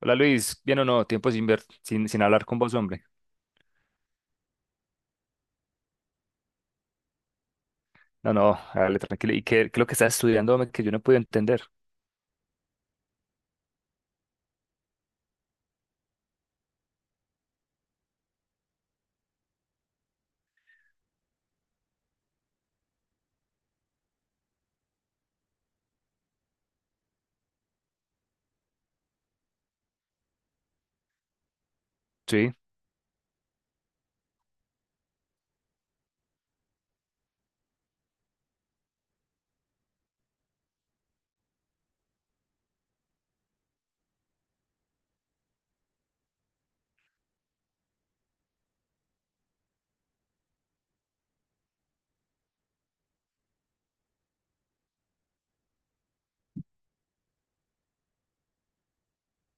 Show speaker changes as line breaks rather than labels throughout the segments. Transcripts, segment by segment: Hola Luis, bien o no, tiempo sin ver, sin hablar con vos, hombre. No, no, dale tranquilo. ¿Y qué es lo que estás estudiando, hombre, que yo no puedo entender? Sí,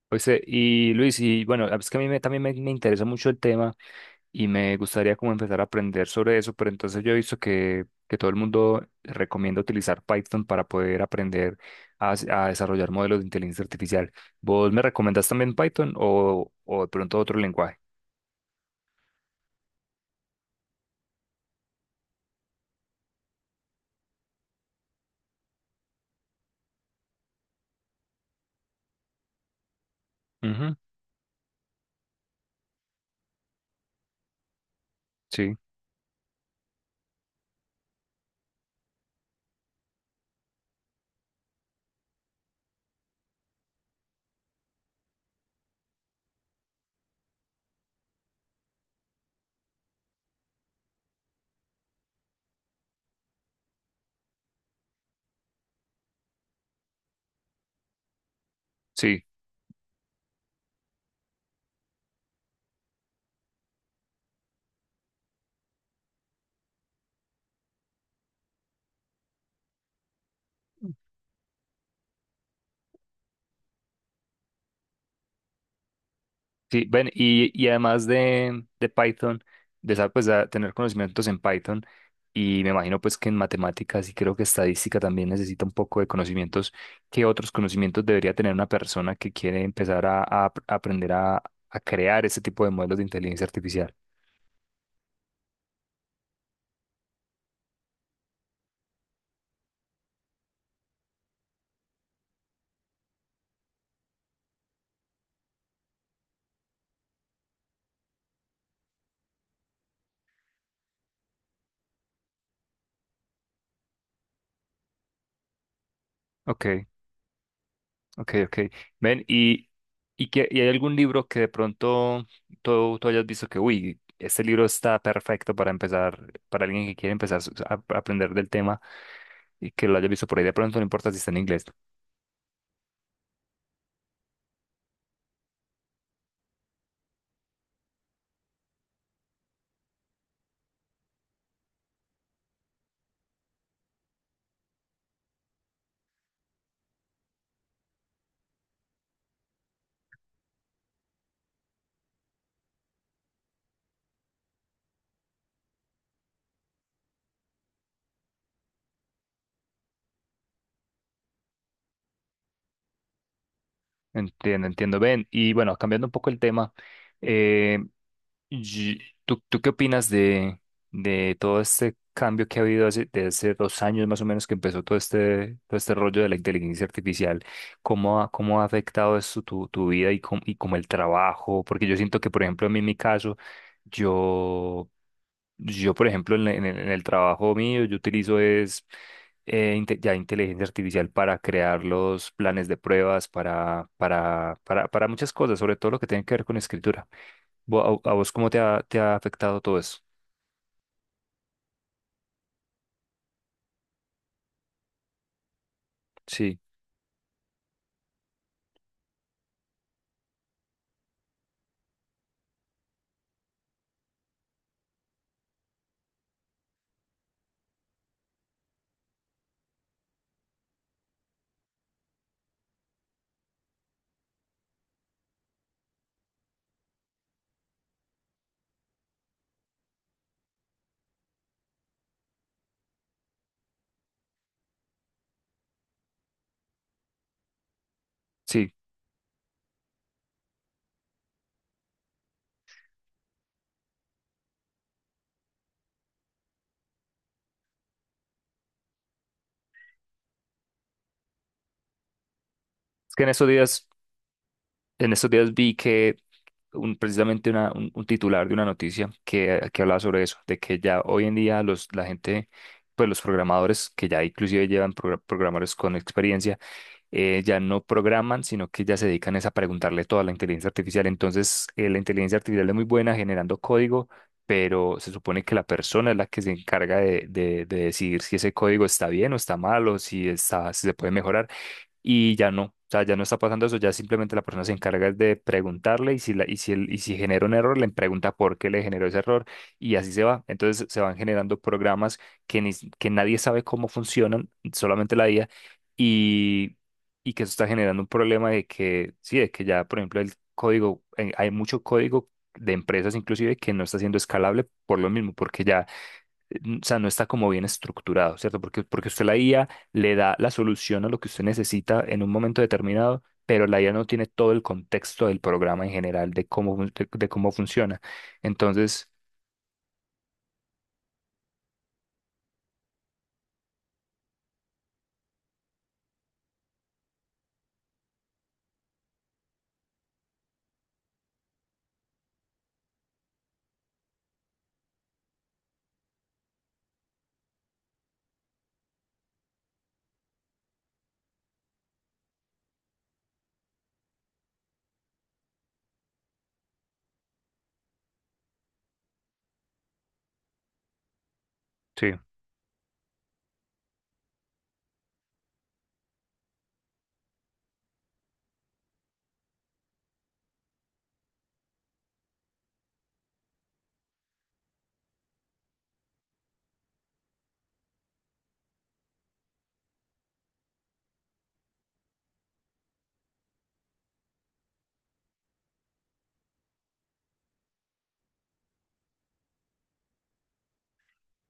oíste, y Luis, y bueno, es que a mí me interesa mucho el tema y me gustaría como empezar a aprender sobre eso, pero entonces yo he visto que todo el mundo recomienda utilizar Python para poder aprender a desarrollar modelos de inteligencia artificial. ¿Vos me recomendás también Python o de pronto otro lenguaje? Ujú. Sí, sí. Sí, ven, y además de Python, de saber pues, a tener conocimientos en Python, y me imagino pues que en matemáticas y creo que estadística también necesita un poco de conocimientos. ¿Qué otros conocimientos debería tener una persona que quiere empezar a ap- aprender a crear ese tipo de modelos de inteligencia artificial? Ok. Ok, ok. Ven, ¿y hay algún libro que de pronto tú hayas visto que, uy, este libro está perfecto para empezar, para alguien que quiere empezar a aprender del tema y que lo haya visto por ahí de pronto, no importa si está en inglés. Entiendo, entiendo. Ven, y bueno, cambiando un poco el tema, eh, Y- ¿Tú qué opinas de todo este cambio que ha habido hace, desde hace dos años más o menos que empezó todo este rollo de la inteligencia artificial? Cómo ha afectado esto tu, tu vida y, com- y como el trabajo? Porque yo siento que, por ejemplo, a mí en mi caso, yo, yo por ejemplo, en, el- en el en el trabajo mío, yo utilizo es inte- ya inteligencia artificial para crear los planes de pruebas, para muchas cosas, sobre todo lo que tiene que ver con escritura. Vo- ¿A, a vos cómo te ha afectado todo eso? Sí, sí. Es que en esos días, en estos días vi que un- precisamente una- un titular de una noticia que hablaba sobre eso, de que ya hoy en día los, la gente, pues los programadores, que ya inclusive llevan progra- programadores con experiencia, ya no programan, sino que ya se dedican es a preguntarle todo a la inteligencia artificial. Entonces, la inteligencia artificial es muy buena generando código, pero se supone que la persona es la que se encarga de decidir si ese código está bien o está mal o si está, si se puede mejorar y ya no, o sea, ya no está pasando eso, ya simplemente la persona se encarga de preguntarle y si, la, y si, y si genera un error, le pregunta por qué le generó ese error y así se va. Entonces se van generando programas que, ni s- que nadie sabe cómo funcionan, solamente la IA, y, y que eso está generando un problema de que, sí, de que ya, por ejemplo, el código, hay mucho código de empresas inclusive que no está siendo escalable por lo mismo, porque ya n- o sea, no está como bien estructurado, ¿cierto? Porque, porque usted la IA le da la solución a lo que usted necesita en un momento determinado, pero la IA no tiene todo el contexto del programa en general, de cómo, de cómo funciona. Entonces, sí.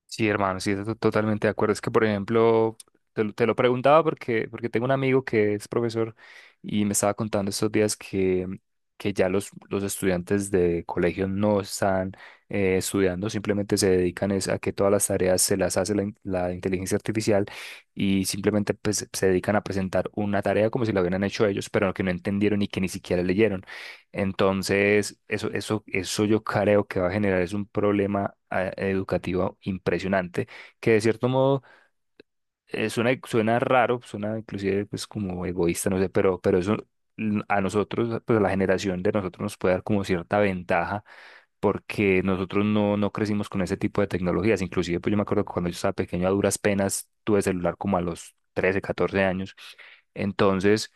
Sí, hermano, sí, to- totalmente de acuerdo. Es que, por ejemplo, te lo preguntaba porque, porque tengo un amigo que es profesor y me estaba contando estos días que ya los estudiantes de colegio no están estudiando, simplemente se dedican es a que todas las tareas se las hace la, in- la inteligencia artificial y simplemente pues, se dedican a presentar una tarea como si la hubieran hecho ellos, pero que no entendieron y que ni siquiera leyeron. Entonces, eso yo creo que va a generar es un problema ah, educativo impresionante, que de cierto modo suena, suena raro, suena inclusive pues como egoísta, no sé, pero eso a nosotros, pues a la generación de nosotros nos puede dar como cierta ventaja, porque nosotros no, no crecimos con ese tipo de tecnologías. Inclusive, pues yo me acuerdo que cuando yo estaba pequeño, a duras penas, tuve celular como a los 13 o 14 años. Entonces,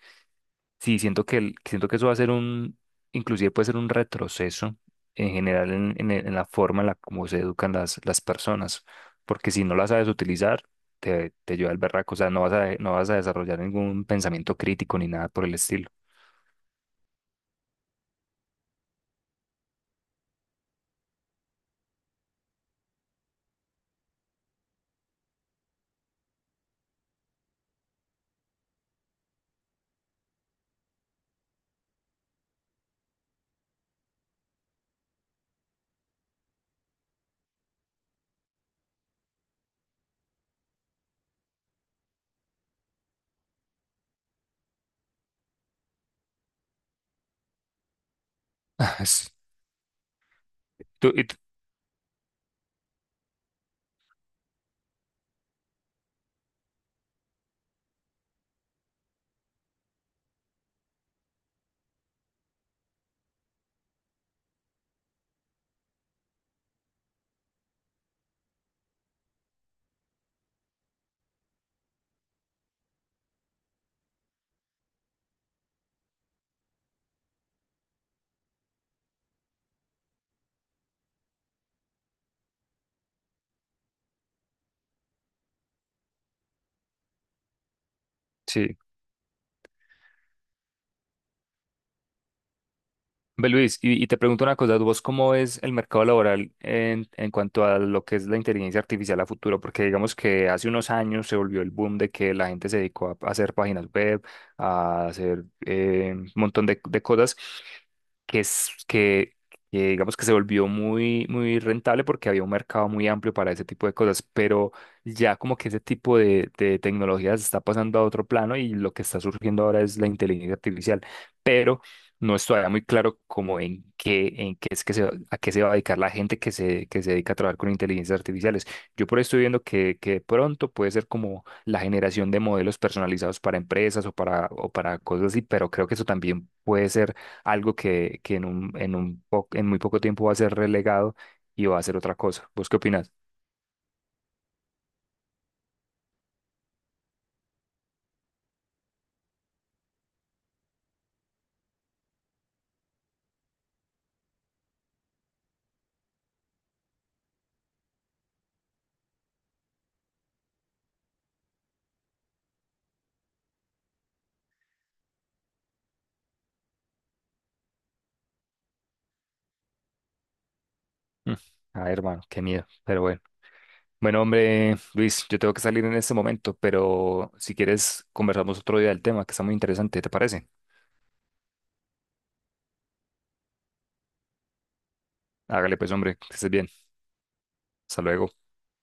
sí, siento que, siento que eso va a ser un, inclusive puede ser un retroceso en general en, en la forma en la como se educan las personas, porque si no las sabes utilizar, te lleva al berraco, o sea, no vas a, no vas a desarrollar ningún pensamiento crítico ni nada por el estilo. Sí. Tú- y tú- sí. Ve, Luis, y te pregunto una cosa, ¿vos cómo ves el mercado laboral en cuanto a lo que es la inteligencia artificial a futuro? Porque digamos que hace unos años se volvió el boom de que la gente se dedicó a, hacer páginas web, a hacer un montón de cosas que que digamos que se volvió muy, muy rentable porque había un mercado muy amplio para ese tipo de cosas, pero ya como que ese tipo de tecnologías está pasando a otro plano y lo que está surgiendo ahora es la inteligencia artificial. Pero no es todavía muy claro como en qué es que se, va- a qué se va a dedicar la gente que se dedica a trabajar con inteligencias artificiales. Yo por ahí estoy viendo que de pronto puede ser como la generación de modelos personalizados para empresas o para cosas así, pero creo que eso también puede ser algo que en un, en muy poco tiempo va a ser relegado y va a ser otra cosa. ¿Vos qué opinas? Mm, ay, hermano, qué miedo, pero bueno. Bueno, hombre, Luis, yo tengo que salir en este momento, pero si quieres conversamos otro día del tema, que está muy interesante, ¿te parece? Hágale pues, hombre, que estés bien. Hasta luego.